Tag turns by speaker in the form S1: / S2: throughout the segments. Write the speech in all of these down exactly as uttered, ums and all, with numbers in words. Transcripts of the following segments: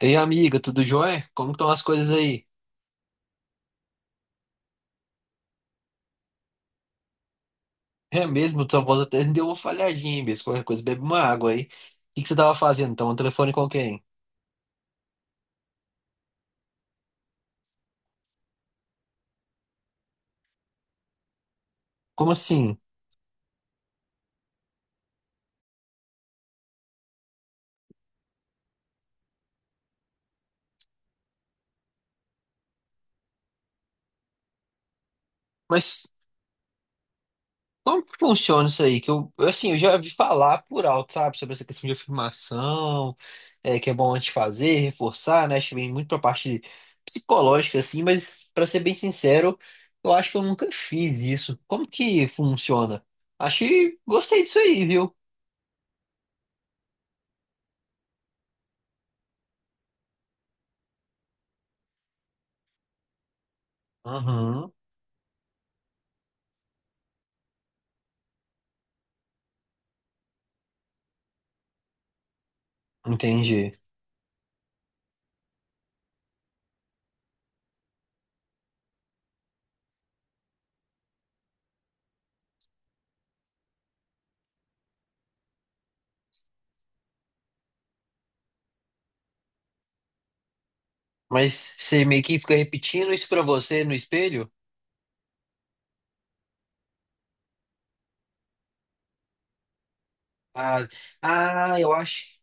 S1: Ei, amiga, tudo jóia? Como estão as coisas aí? É mesmo, sua voz até deu uma falhadinha, mesmo. Qualquer coisa, bebe uma água aí. O que que você tava fazendo? Então, um telefone com quem? Como assim? Mas como que funciona isso aí? Que eu, eu, assim, eu já vi falar por alto, sabe? Sobre essa questão de afirmação, é, que é bom antes de fazer, reforçar, né? Acho que vem muito pra parte psicológica, assim, mas pra ser bem sincero, eu acho que eu nunca fiz isso. Como que funciona? Acho que gostei disso aí, viu? Uhum, entendi. Mas você meio que fica repetindo isso pra você no espelho? Ah, ah, eu acho.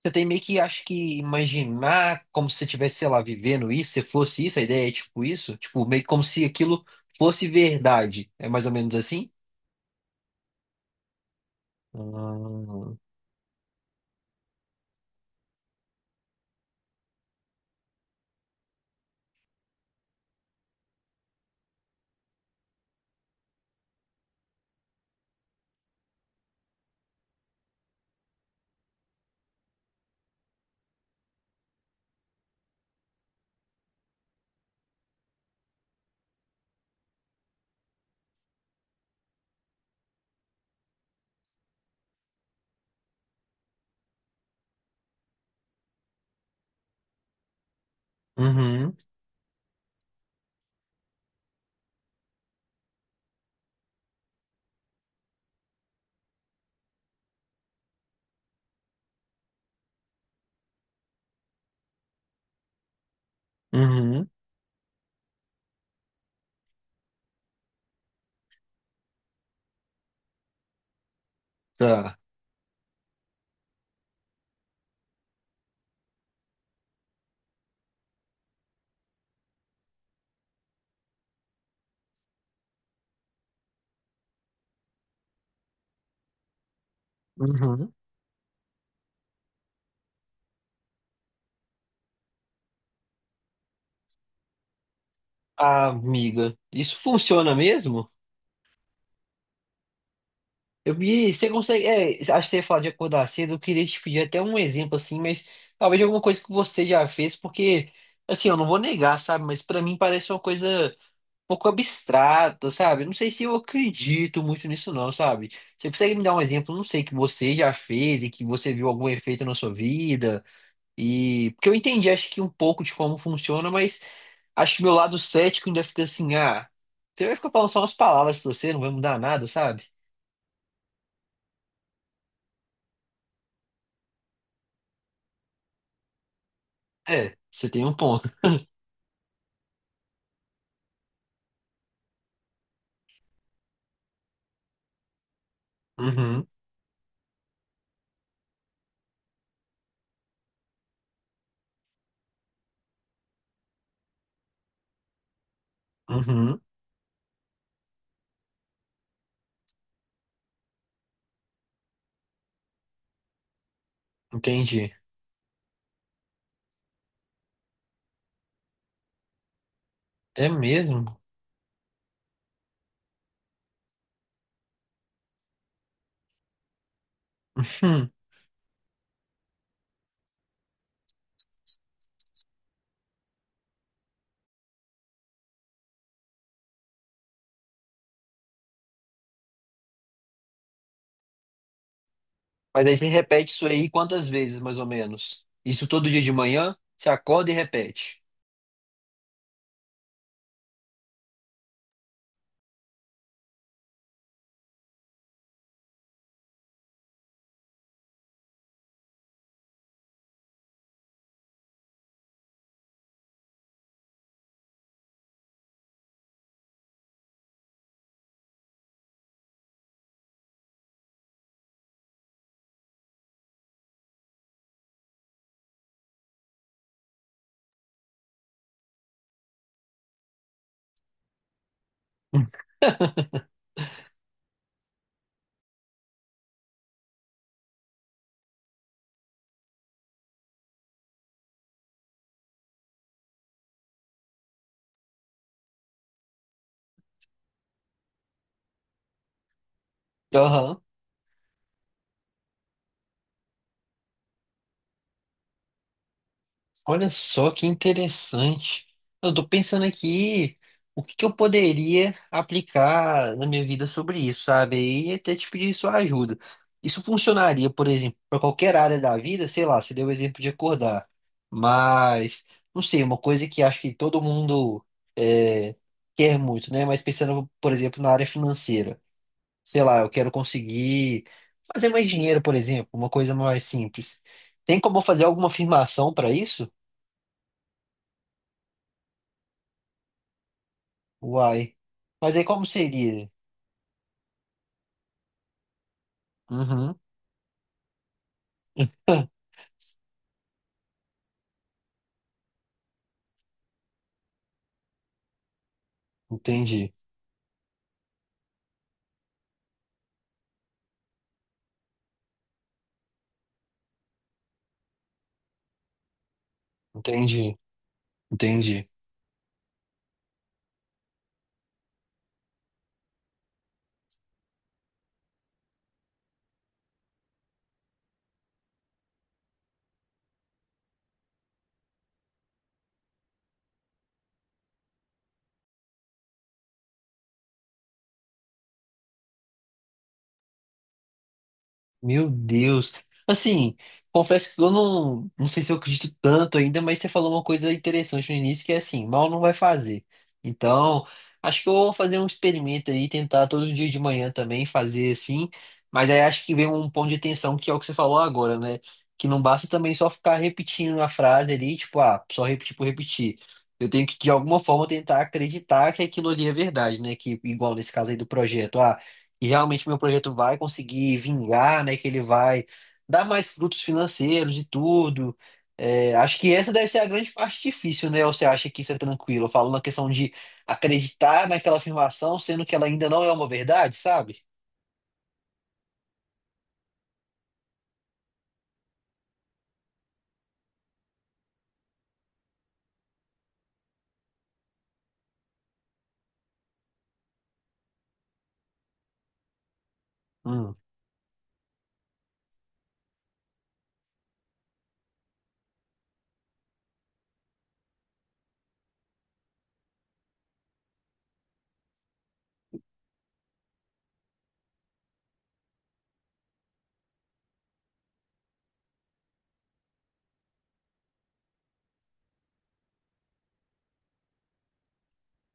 S1: Você tem meio que acho que imaginar como se você tivesse, sei lá, vivendo isso, se fosse isso, a ideia é tipo isso, tipo meio que como se aquilo fosse verdade. É mais ou menos assim? Hum, Uhum, uhum, tá. Uhum. Ah, amiga, isso funciona mesmo? Eu vi, você consegue. É, acho que você ia falar de acordar cedo. Eu queria te pedir até um exemplo assim, mas talvez alguma coisa que você já fez, porque, assim, eu não vou negar, sabe? Mas pra mim parece uma coisa um pouco abstrata, sabe? Eu não sei se eu acredito muito nisso, não, sabe? Você consegue me dar um exemplo, não sei, que você já fez e que você viu algum efeito na sua vida? E. Porque eu entendi, acho que um pouco de como funciona, mas acho que meu lado cético ainda fica assim, ah, você vai ficar falando só umas palavras pra você, não vai mudar nada, sabe? É, você tem um ponto. Uhum, uhum, entendi. É mesmo? Uhum. Mas aí você repete isso aí quantas vezes, mais ou menos? Isso todo dia de manhã? Você acorda e repete. Uhum. Olha só que interessante. Eu tô pensando aqui o que que eu poderia aplicar na minha vida sobre isso, sabe? E até te pedir sua ajuda. Isso funcionaria, por exemplo, para qualquer área da vida, sei lá, você deu o exemplo de acordar. Mas, não sei, uma coisa que acho que todo mundo é, quer muito, né? Mas pensando, por exemplo, na área financeira. Sei lá, eu quero conseguir fazer mais dinheiro, por exemplo, uma coisa mais simples. Tem como eu fazer alguma afirmação para isso? Uai. Mas aí como seria? Uhum. Entendi, entendi, entendi. Meu Deus. Assim, confesso que eu não, não sei se eu acredito tanto ainda, mas você falou uma coisa interessante no início, que é assim, mal não vai fazer. Então, acho que eu vou fazer um experimento aí, tentar todo dia de manhã também fazer assim, mas aí acho que vem um ponto de atenção que é o que você falou agora, né? Que não basta também só ficar repetindo a frase ali, tipo, ah, só repetir por repetir. Eu tenho que, de alguma forma, tentar acreditar que aquilo ali é verdade, né? Que, igual nesse caso aí do projeto, ah. E realmente meu projeto vai conseguir vingar, né? Que ele vai dar mais frutos financeiros e tudo. É, acho que essa deve ser a grande parte difícil, né? Ou você acha que isso é tranquilo? Eu falo na questão de acreditar naquela afirmação, sendo que ela ainda não é uma verdade, sabe? Hum,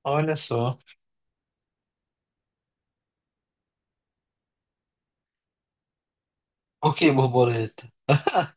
S1: olha só. Por que borboleta?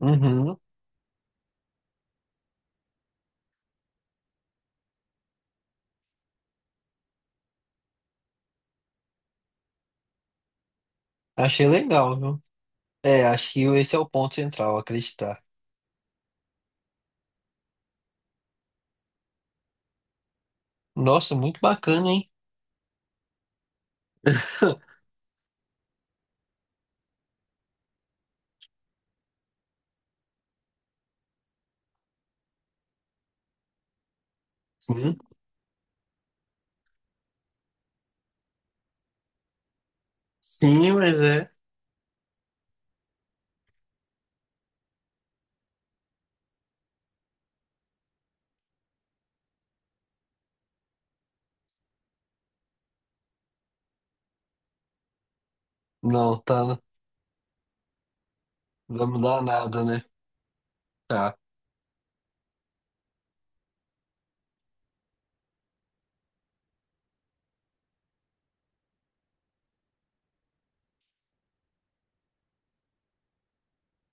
S1: Uhum, achei legal, viu? É, acho que esse é o ponto central, acreditar. Nossa, muito bacana, hein? Sim, sim, mas é. Não, tá. Não vai mudar nada, né? Tá.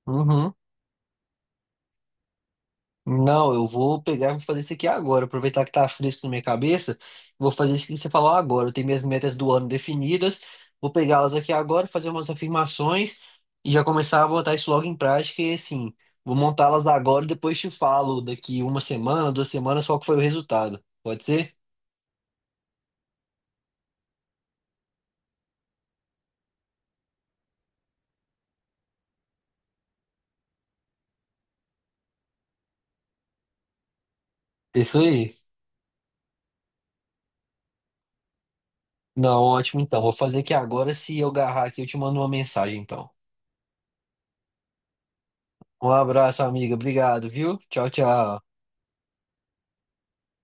S1: Uhum. Não, eu vou pegar e vou fazer isso aqui agora. Aproveitar que tá fresco na minha cabeça, vou fazer isso que você falou agora. Eu tenho minhas metas do ano definidas, vou pegá-las aqui agora, fazer umas afirmações e já começar a botar isso logo em prática. E assim, vou montá-las agora e depois te falo daqui uma semana, duas semanas, qual que foi o resultado. Pode ser? Isso aí. Não, ótimo então. Vou fazer aqui agora. Se eu agarrar aqui, eu te mando uma mensagem então. Um abraço, amiga. Obrigado, viu? Tchau, tchau.